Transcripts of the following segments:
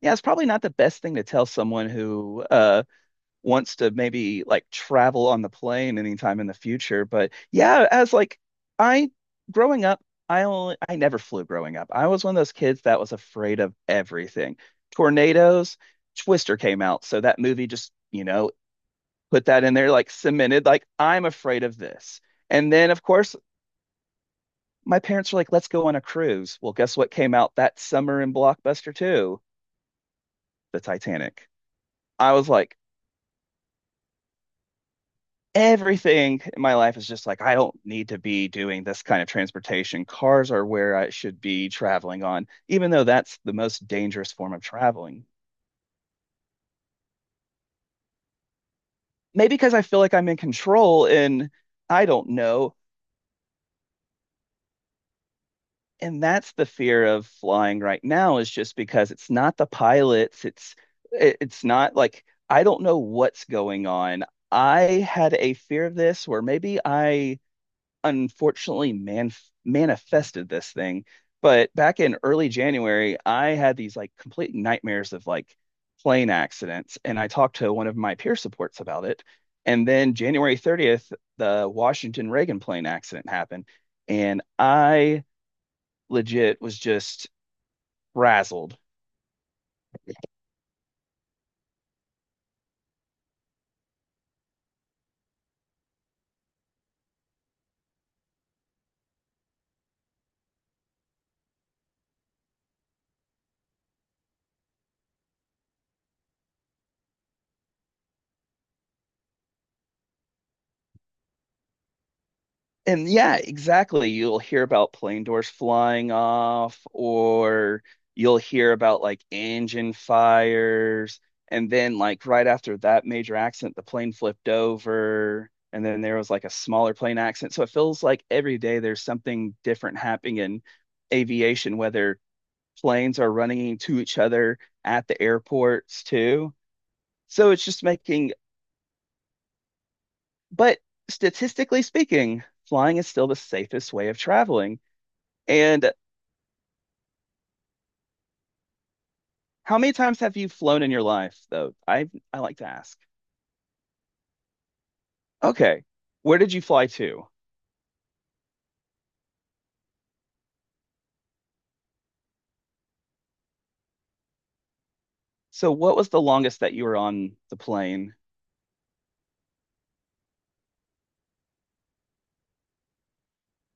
Yeah, it's probably not the best thing to tell someone who wants to maybe like travel on the plane anytime in the future. But yeah, as like I growing up, I never flew growing up. I was one of those kids that was afraid of everything. Tornadoes. Twister came out, so that movie just put that in there, like cemented, like I'm afraid of this. And then of course, my parents were like, "Let's go on a cruise." Well, guess what came out that summer in Blockbuster too? The Titanic. I was like, everything in my life is just like, I don't need to be doing this kind of transportation. Cars are where I should be traveling on, even though that's the most dangerous form of traveling. Maybe because I feel like I'm in control and I don't know. And that's the fear of flying right now is just because it's not the pilots. It's not like I don't know what's going on. I had a fear of this where maybe I unfortunately manifested this thing. But back in early January, I had these like complete nightmares of like plane accidents, and I talked to one of my peer supports about it. And then January 30th, the Washington Reagan plane accident happened, and I legit was just frazzled. And yeah, exactly. You'll hear about plane doors flying off, or you'll hear about like engine fires. And then, like, right after that major accident, the plane flipped over. And then there was like a smaller plane accident. So it feels like every day there's something different happening in aviation, whether planes are running into each other at the airports too. So it's just making, but statistically speaking, flying is still the safest way of traveling. And how many times have you flown in your life, though? I like to ask. Okay, where did you fly to? So what was the longest that you were on the plane?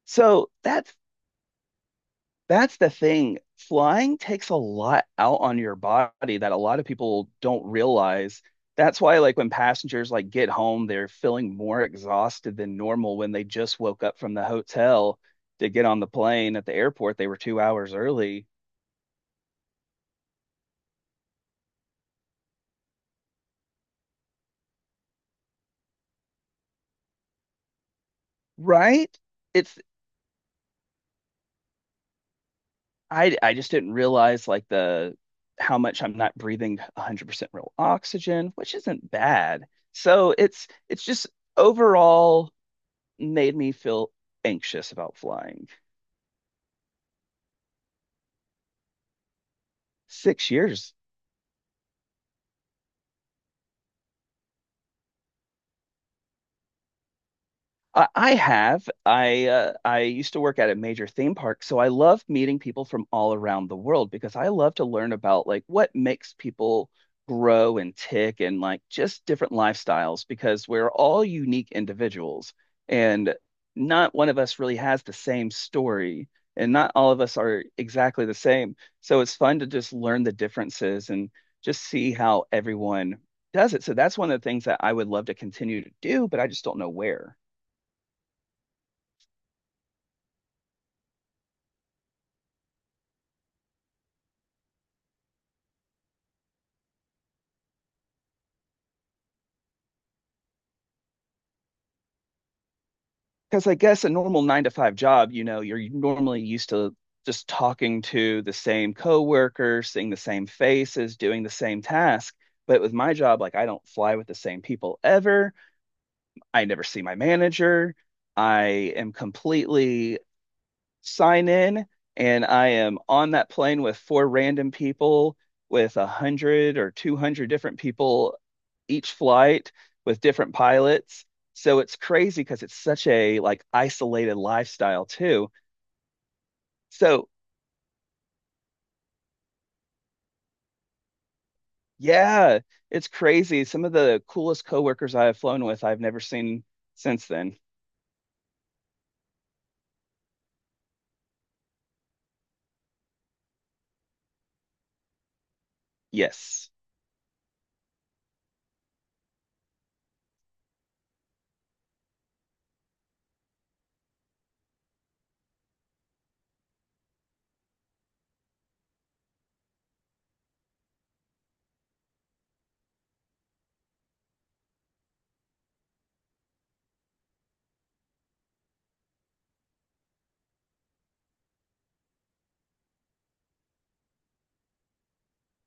So that's the thing. Flying takes a lot out on your body that a lot of people don't realize. That's why, like, when passengers like get home, they're feeling more exhausted than normal when they just woke up from the hotel to get on the plane at the airport. They were 2 hours early, right? It's I just didn't realize like the how much I'm not breathing 100% real oxygen, which isn't bad. So it's just overall made me feel anxious about flying. 6 years. I have. I used to work at a major theme park, so I love meeting people from all around the world because I love to learn about like what makes people grow and tick and like just different lifestyles, because we're all unique individuals and not one of us really has the same story and not all of us are exactly the same. So it's fun to just learn the differences and just see how everyone does it. So that's one of the things that I would love to continue to do, but I just don't know where. Because I guess a normal nine to five job, you're normally used to just talking to the same coworker, seeing the same faces, doing the same task. But with my job, like I don't fly with the same people ever. I never see my manager. I am completely sign in and I am on that plane with four random people, with 100 or 200 different people each flight with different pilots. So it's crazy because it's such a like isolated lifestyle too. So yeah, it's crazy. Some of the coolest coworkers I have flown with, I've never seen since then. Yes.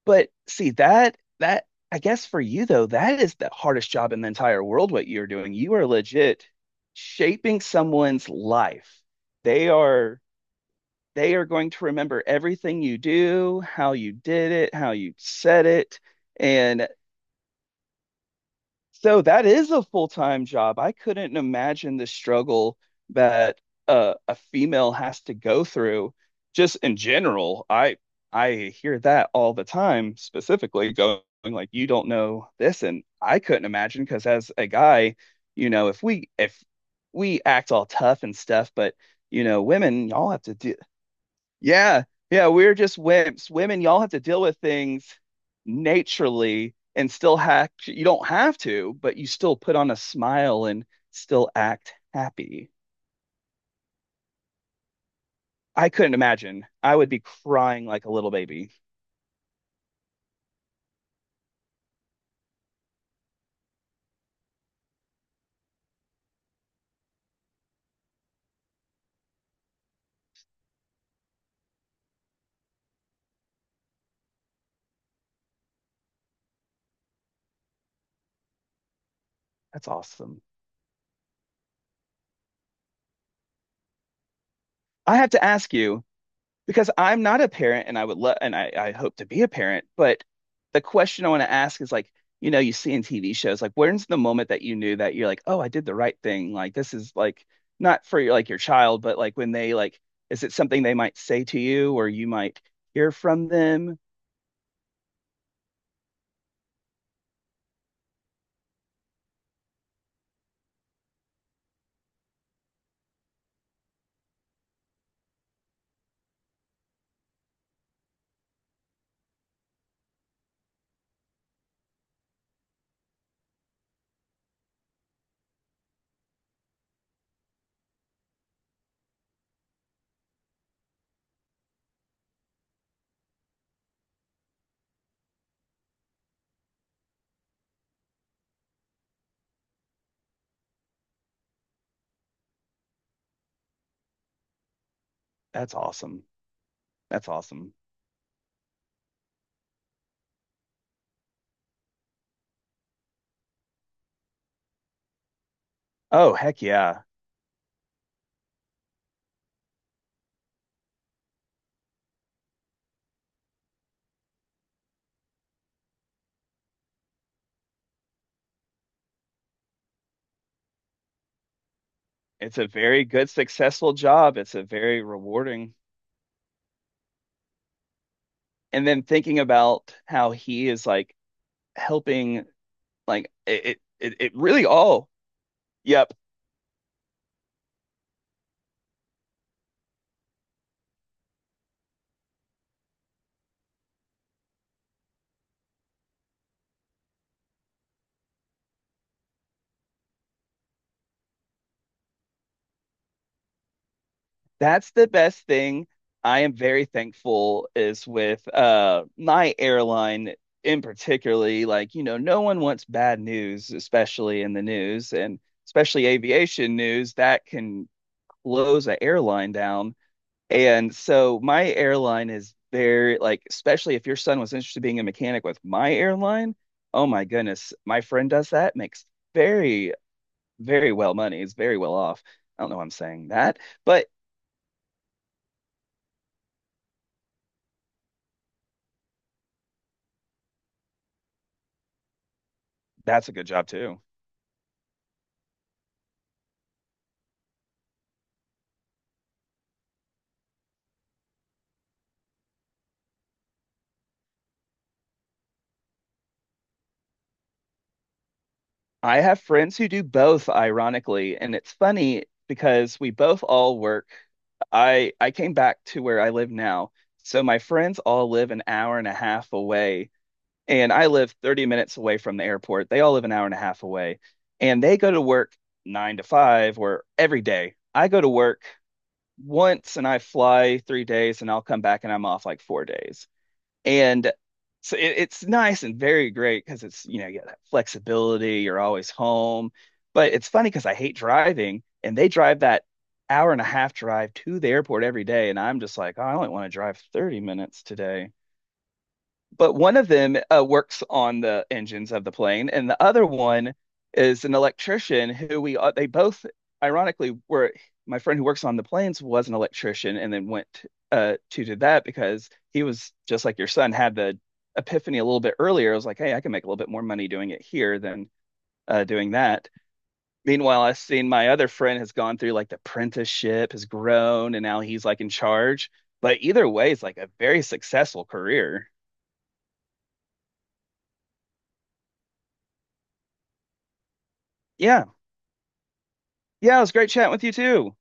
But see that I guess for you though, that is the hardest job in the entire world what you're doing. You are legit shaping someone's life. They are They are going to remember everything you do, how you did it, how you said it. And so that is a full-time job. I couldn't imagine the struggle that a female has to go through just in general. I hear that all the time, specifically going like you don't know this, and I couldn't imagine because as a guy, if we act all tough and stuff, but women, y'all have to do. Yeah, yeah, we're just wimps. Women, y'all have to deal with things naturally and still hack. You don't have to, but you still put on a smile and still act happy. I couldn't imagine. I would be crying like a little baby. That's awesome. I have to ask you, because I'm not a parent and I would love, and I hope to be a parent, but the question I want to ask is like, you see in TV shows, like when's the moment that you knew that you're like, oh, I did the right thing? Like this is like not for your child, but like when they like, is it something they might say to you or you might hear from them? That's awesome. That's awesome. Oh, heck yeah. It's a very good, successful job. It's a very rewarding. And then thinking about how he is like helping. Like it really all. Yep, that's the best thing. I am very thankful is with my airline in particularly. Like, you know, no one wants bad news, especially in the news, and especially aviation news that can close an airline down. And so my airline is very like, especially if your son was interested in being a mechanic with my airline. Oh my goodness, my friend does that, makes very very well money, is very well off. I don't know why I'm saying that, but that's a good job too. I have friends who do both, ironically, and it's funny because we both all work. I came back to where I live now. So my friends all live an hour and a half away, and I live 30 minutes away from the airport. They all live an hour and a half away, and they go to work nine to five or every day. I go to work once and I fly 3 days, and I'll come back and I'm off like 4 days. And so it's nice and very great because it's, you got that flexibility, you're always home. But it's funny because I hate driving and they drive that hour and a half drive to the airport every day. And I'm just like, oh, I only want to drive 30 minutes today, but one of them works on the engines of the plane, and the other one is an electrician who we they both ironically were, my friend who works on the planes was an electrician and then went to do that because he was just like your son, had the epiphany a little bit earlier. I was like, hey, I can make a little bit more money doing it here than doing that. Meanwhile, I've seen my other friend has gone through like the apprenticeship, has grown, and now he's like in charge. But either way, it's like a very successful career. Yeah. Yeah, it was great chatting with you too.